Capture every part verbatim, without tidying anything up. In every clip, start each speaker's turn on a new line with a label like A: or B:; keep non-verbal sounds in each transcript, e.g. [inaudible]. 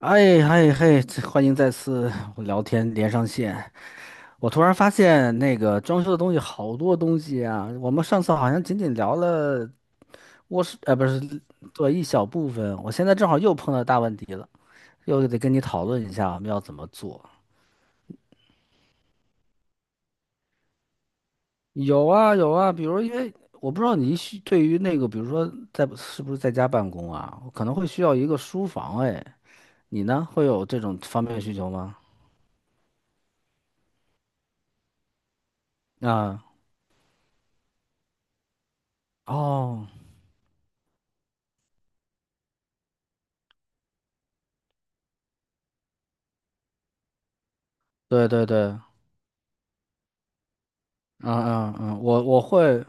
A: 哎嗨嗨，这欢迎再次我聊天连上线。我突然发现那个装修的东西好多东西啊，我们上次好像仅仅聊了卧室，呃，不是，对，一小部分。我现在正好又碰到大问题了，又得跟你讨论一下我们要怎么做。有啊有啊，比如因为我不知道你需对于那个，比如说在是不是在家办公啊，我可能会需要一个书房。哎，你呢，会有这种方面的需求吗？啊，哦，对对对。嗯嗯嗯，我我会，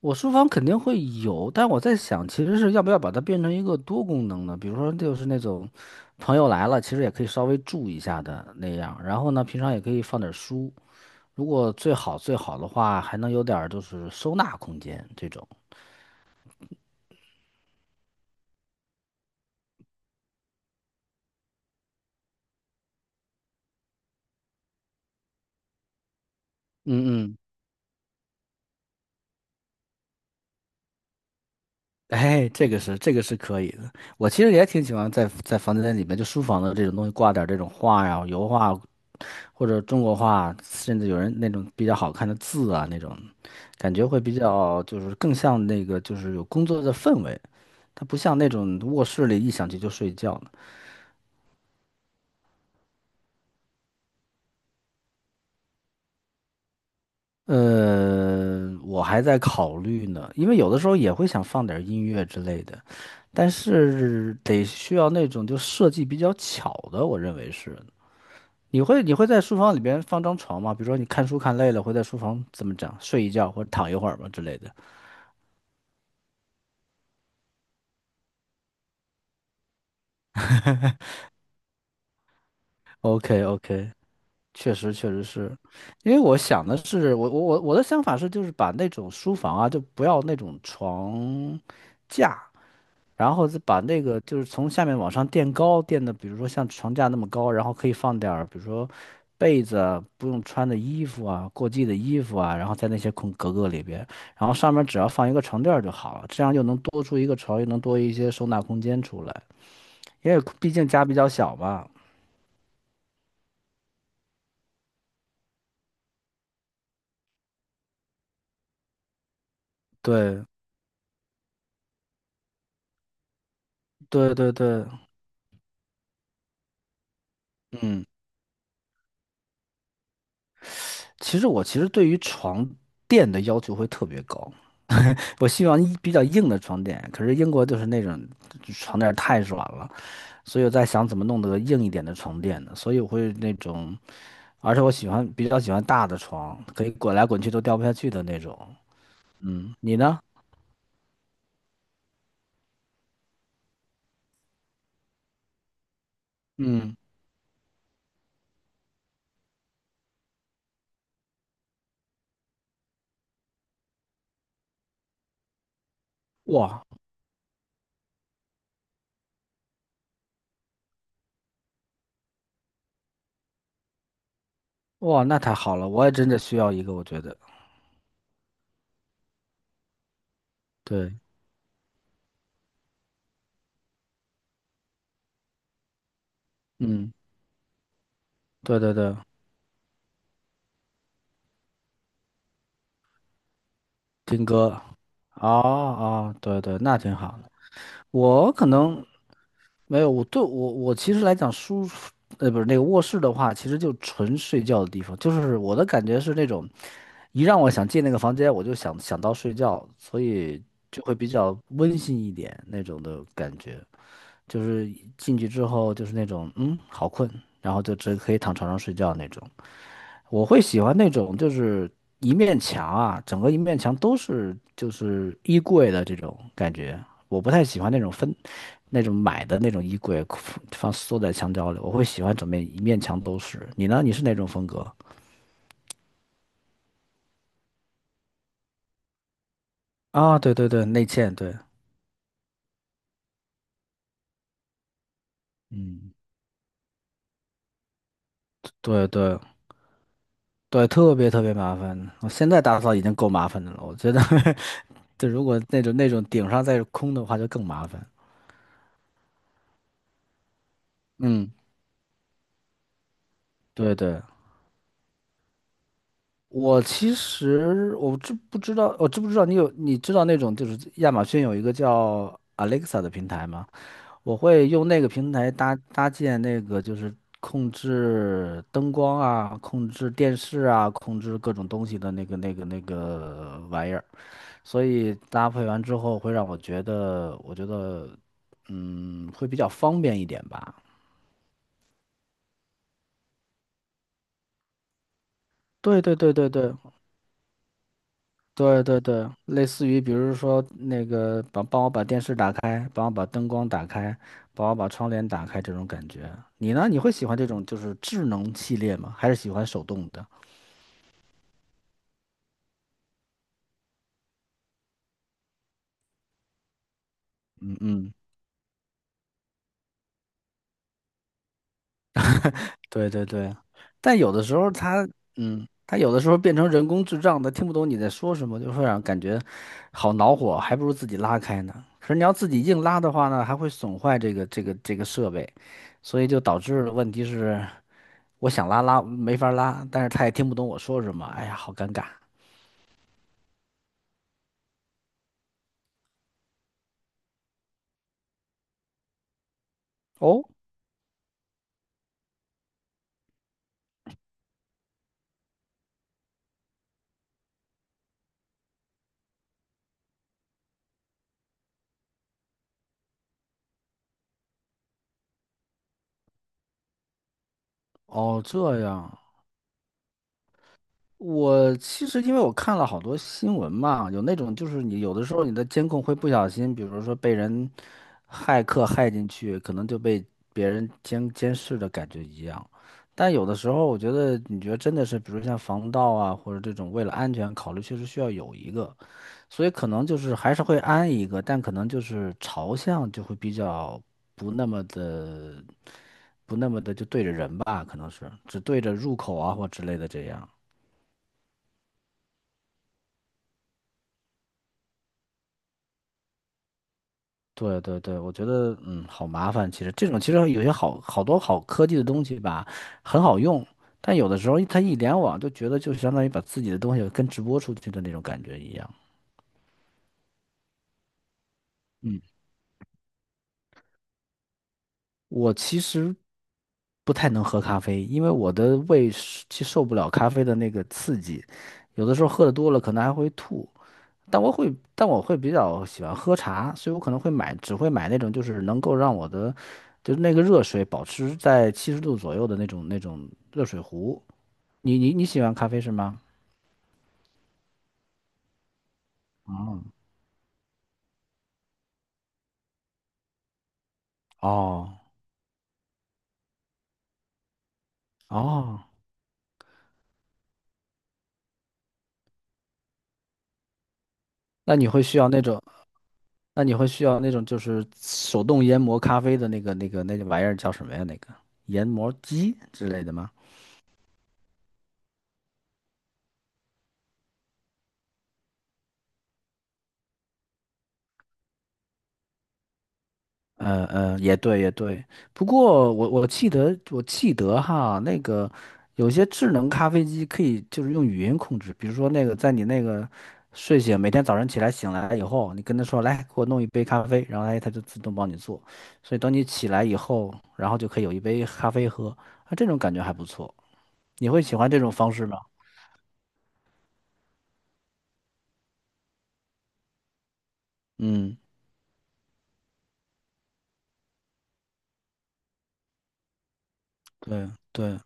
A: 我书房肯定会有，但我在想，其实是要不要把它变成一个多功能的，比如说就是那种朋友来了，其实也可以稍微住一下的那样。然后呢，平常也可以放点儿书，如果最好最好的话，还能有点儿就是收纳空间这种。嗯嗯，哎，这个是这个是可以的。我其实也挺喜欢在在房间里面，就书房的这种东西挂点儿这种画呀、油画或者中国画，甚至有人那种比较好看的字啊那种感觉会比较就是更像那个就是有工作的氛围，它不像那种卧室里一响起就睡觉呢。呃，我还在考虑呢，因为有的时候也会想放点儿音乐之类的，但是得需要那种就设计比较巧的，我认为是。你会你会在书房里边放张床吗？比如说你看书看累了，会在书房怎么讲睡一觉或者躺一会儿吗之类的？OK OK，确实，确实是，因为我想的是，我我我我的想法是，就是把那种书房啊，就不要那种床架，然后再把那个就是从下面往上垫高，垫的比如说像床架那么高，然后可以放点儿，比如说被子啊，不用穿的衣服啊，过季的衣服啊，然后在那些空格格里边，然后上面只要放一个床垫儿就好了，这样又能多出一个床，又能多一些收纳空间出来，因为毕竟家比较小嘛。对，对对对，嗯。其实我其实对于床垫的要求会特别高，我希望一比较硬的床垫，可是英国就是那种床垫太软了，所以我在想怎么弄得硬一点的床垫呢？所以我会那种，而且我喜欢比较喜欢大的床，可以滚来滚去都掉不下去的那种。嗯，你呢？嗯，哇哇，那太好了，我也真的需要一个，我觉得。对，嗯，对对对，听歌，哦哦，对对，那挺好的。我可能没有，我对我我其实来讲书，呃，不是那个卧室的话，其实就纯睡觉的地方。就是我的感觉是那种，一让我想进那个房间，我就想想到睡觉，所以就会比较温馨一点那种的感觉。就是进去之后就是那种，嗯，好困，然后就只可以躺床上睡觉那种。我会喜欢那种就是一面墙啊，整个一面墙都是就是衣柜的这种感觉。我不太喜欢那种分那种买的那种衣柜放缩在墙角里，我会喜欢整面一面墙都是。你呢？你是哪种风格？啊，对对对，内嵌，对嗯，对对对，特别特别麻烦。我现在打扫已经够麻烦的了，我觉得 [laughs] 就如果那种那种顶上再是空的话，就更麻烦。嗯，对对，我其实我知不知道，我知不知道你有你知道那种就是亚马逊有一个叫 Alexa 的平台吗？我会用那个平台搭搭建那个就是控制灯光啊、控制电视啊、控制各种东西的那个那个那个玩意儿，所以搭配完之后会让我觉得，我觉得嗯会比较方便一点吧。对对对对对。对对对，类似于比如说那个帮帮我把电视打开，帮我把灯光打开，帮我把窗帘打开这种感觉。你呢？你会喜欢这种就是智能系列吗？还是喜欢手动的？嗯嗯，对对对。但有的时候它，嗯，它有的时候变成人工智障它听不懂你在说什么，就会让感觉好恼火，还不如自己拉开呢。可是你要自己硬拉的话呢，还会损坏这个这个这个设备，所以就导致问题是。我想拉拉没法拉，但是他也听不懂我说什么，哎呀，好尴尬。哦，哦，这样。我其实因为我看了好多新闻嘛，有那种就是你有的时候你的监控会不小心，比如说被人骇客骇进去，可能就被别人监监视的感觉一样。但有的时候，我觉得你觉得真的是，比如像防盗啊，或者这种为了安全考虑，确实需要有一个。所以可能就是还是会安一个，但可能就是朝向就会比较不那么的不那么的就对着人吧，可能是只对着入口啊或之类的这样。对对对，我觉得嗯好麻烦。其实这种其实有些好好多好科技的东西吧，很好用，但有的时候它一联网就觉得就相当于把自己的东西跟直播出去的那种感觉一样。嗯。我其实不太能喝咖啡，因为我的胃是其实受不了咖啡的那个刺激，有的时候喝的多了可能还会吐。但我会，但我会比较喜欢喝茶，所以我可能会买，只会买那种就是能够让我的，就是那个热水保持在七十度左右的那种那种热水壶。你你你喜欢咖啡是吗？嗯，哦哦，那你会需要那种。那你会需要那种就是手动研磨咖啡的那个那个那个玩意儿叫什么呀？那个研磨机之类的吗？呃呃，也对也对。不过我我记得我记得哈，那个有些智能咖啡机可以就是用语音控制，比如说那个在你那个睡醒每天早上起来醒来以后，你跟他说来给我弄一杯咖啡，然后哎他就自动帮你做。所以等你起来以后，然后就可以有一杯咖啡喝，啊，这种感觉还不错。你会喜欢这种方式吗？嗯。对对，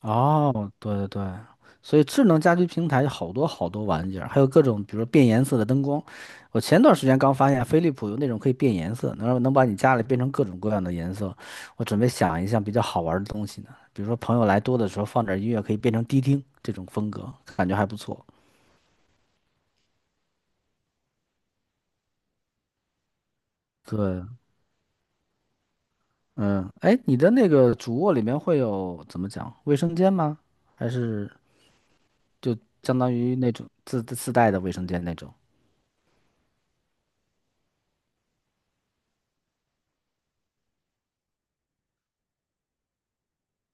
A: 哦，对对对，所以智能家居平台有好多好多玩意儿，还有各种比如说变颜色的灯光。我前段时间刚发现飞利浦有那种可以变颜色，能让能把你家里变成各种各样的颜色。我准备想一项比较好玩儿的东西呢，比如说朋友来多的时候放点儿音乐，可以变成迪厅这种风格，感觉还不错。对，嗯，哎，你的那个主卧里面会有怎么讲卫生间吗？还是就相当于那种自自带的卫生间那种？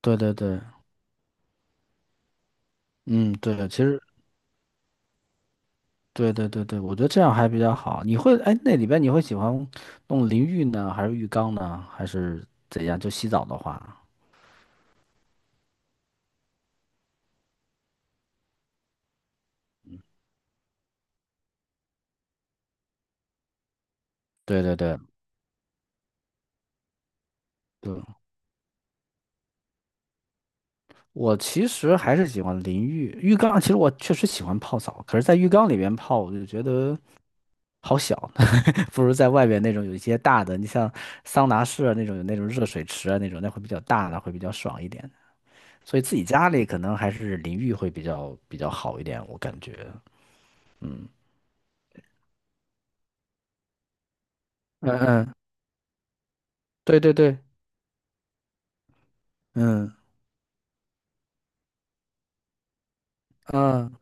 A: 对对对。嗯，对，其实对对对对，我觉得这样还比较好。你会，哎，那里边你会喜欢弄淋浴呢，还是浴缸呢，还是怎样？就洗澡的话，对对对对，我其实还是喜欢淋浴，浴缸其实我确实喜欢泡澡，可是，在浴缸里面泡，我就觉得好小，[laughs] 不如在外边那种有一些大的，你像桑拿室啊那种有那种热水池啊那种，那会比较大的，会比较爽一点。所以自己家里可能还是淋浴会比较比较好一点，我感觉，嗯。嗯嗯，对对对，嗯，嗯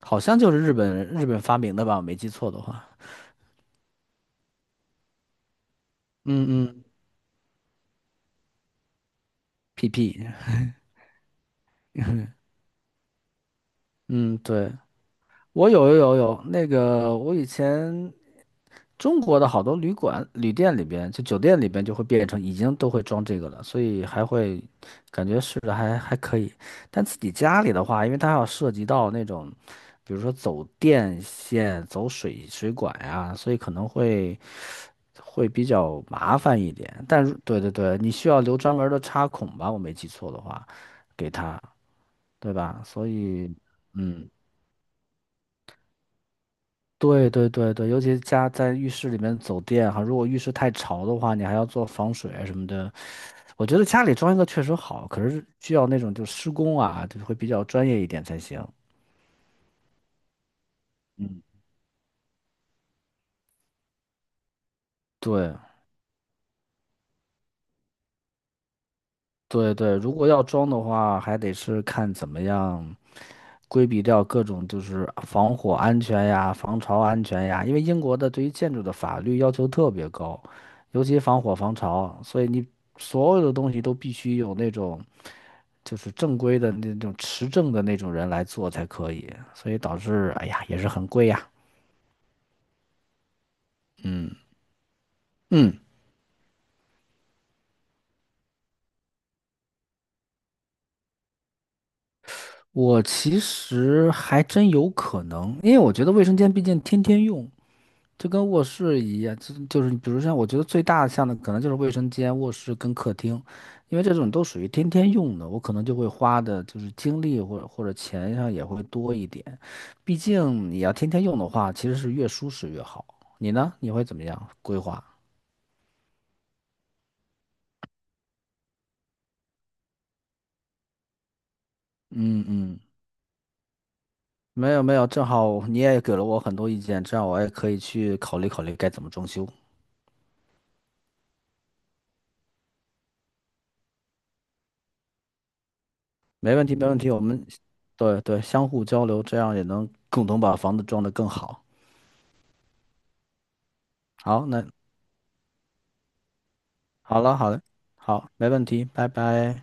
A: 好像就是日本日本发明的吧，我没记错的话嗯嗯，P P。嗯，对，我有有有有，那个我以前中国的好多旅馆、旅店里边，就酒店里边就会变成已经都会装这个了，所以还会感觉试着还还可以。但自己家里的话，因为它要涉及到那种，比如说走电线、走水水管呀、所以可能会会比较麻烦一点。但如对对对，你需要留专门儿的插孔吧？我没记错的话，给它，对吧？所以，嗯。对对对对，尤其家在浴室里面走电哈，如果浴室太潮的话，你还要做防水啊什么的。我觉得家里装一个确实好，可是需要那种就施工啊，就会比较专业一点才行。嗯，对对对，如果要装的话，还得是看怎么样规避掉各种就是防火安全呀、防潮安全呀，因为英国的对于建筑的法律要求特别高，尤其防火防潮，所以你所有的东西都必须有那种。就是正规的那种持证的那种人来做才可以，所以导致哎呀也是很贵呀。嗯，我其实还真有可能，因为我觉得卫生间毕竟天天用，就跟卧室一样，就就是比如像我觉得最大像的可能就是卫生间、卧室跟客厅，因为这种都属于天天用的，我可能就会花的就是精力或者或者钱上也会多一点，毕竟你要天天用的话，其实是越舒适越好。你呢？你会怎么样规划？嗯嗯。没有没有，正好你也给了我很多意见，这样我也可以去考虑考虑该怎么装修。没问题，没问题，嗯我们对对相互交流，这样也能共同把房子装得更好。好，那好了好了，好，没问题，拜拜。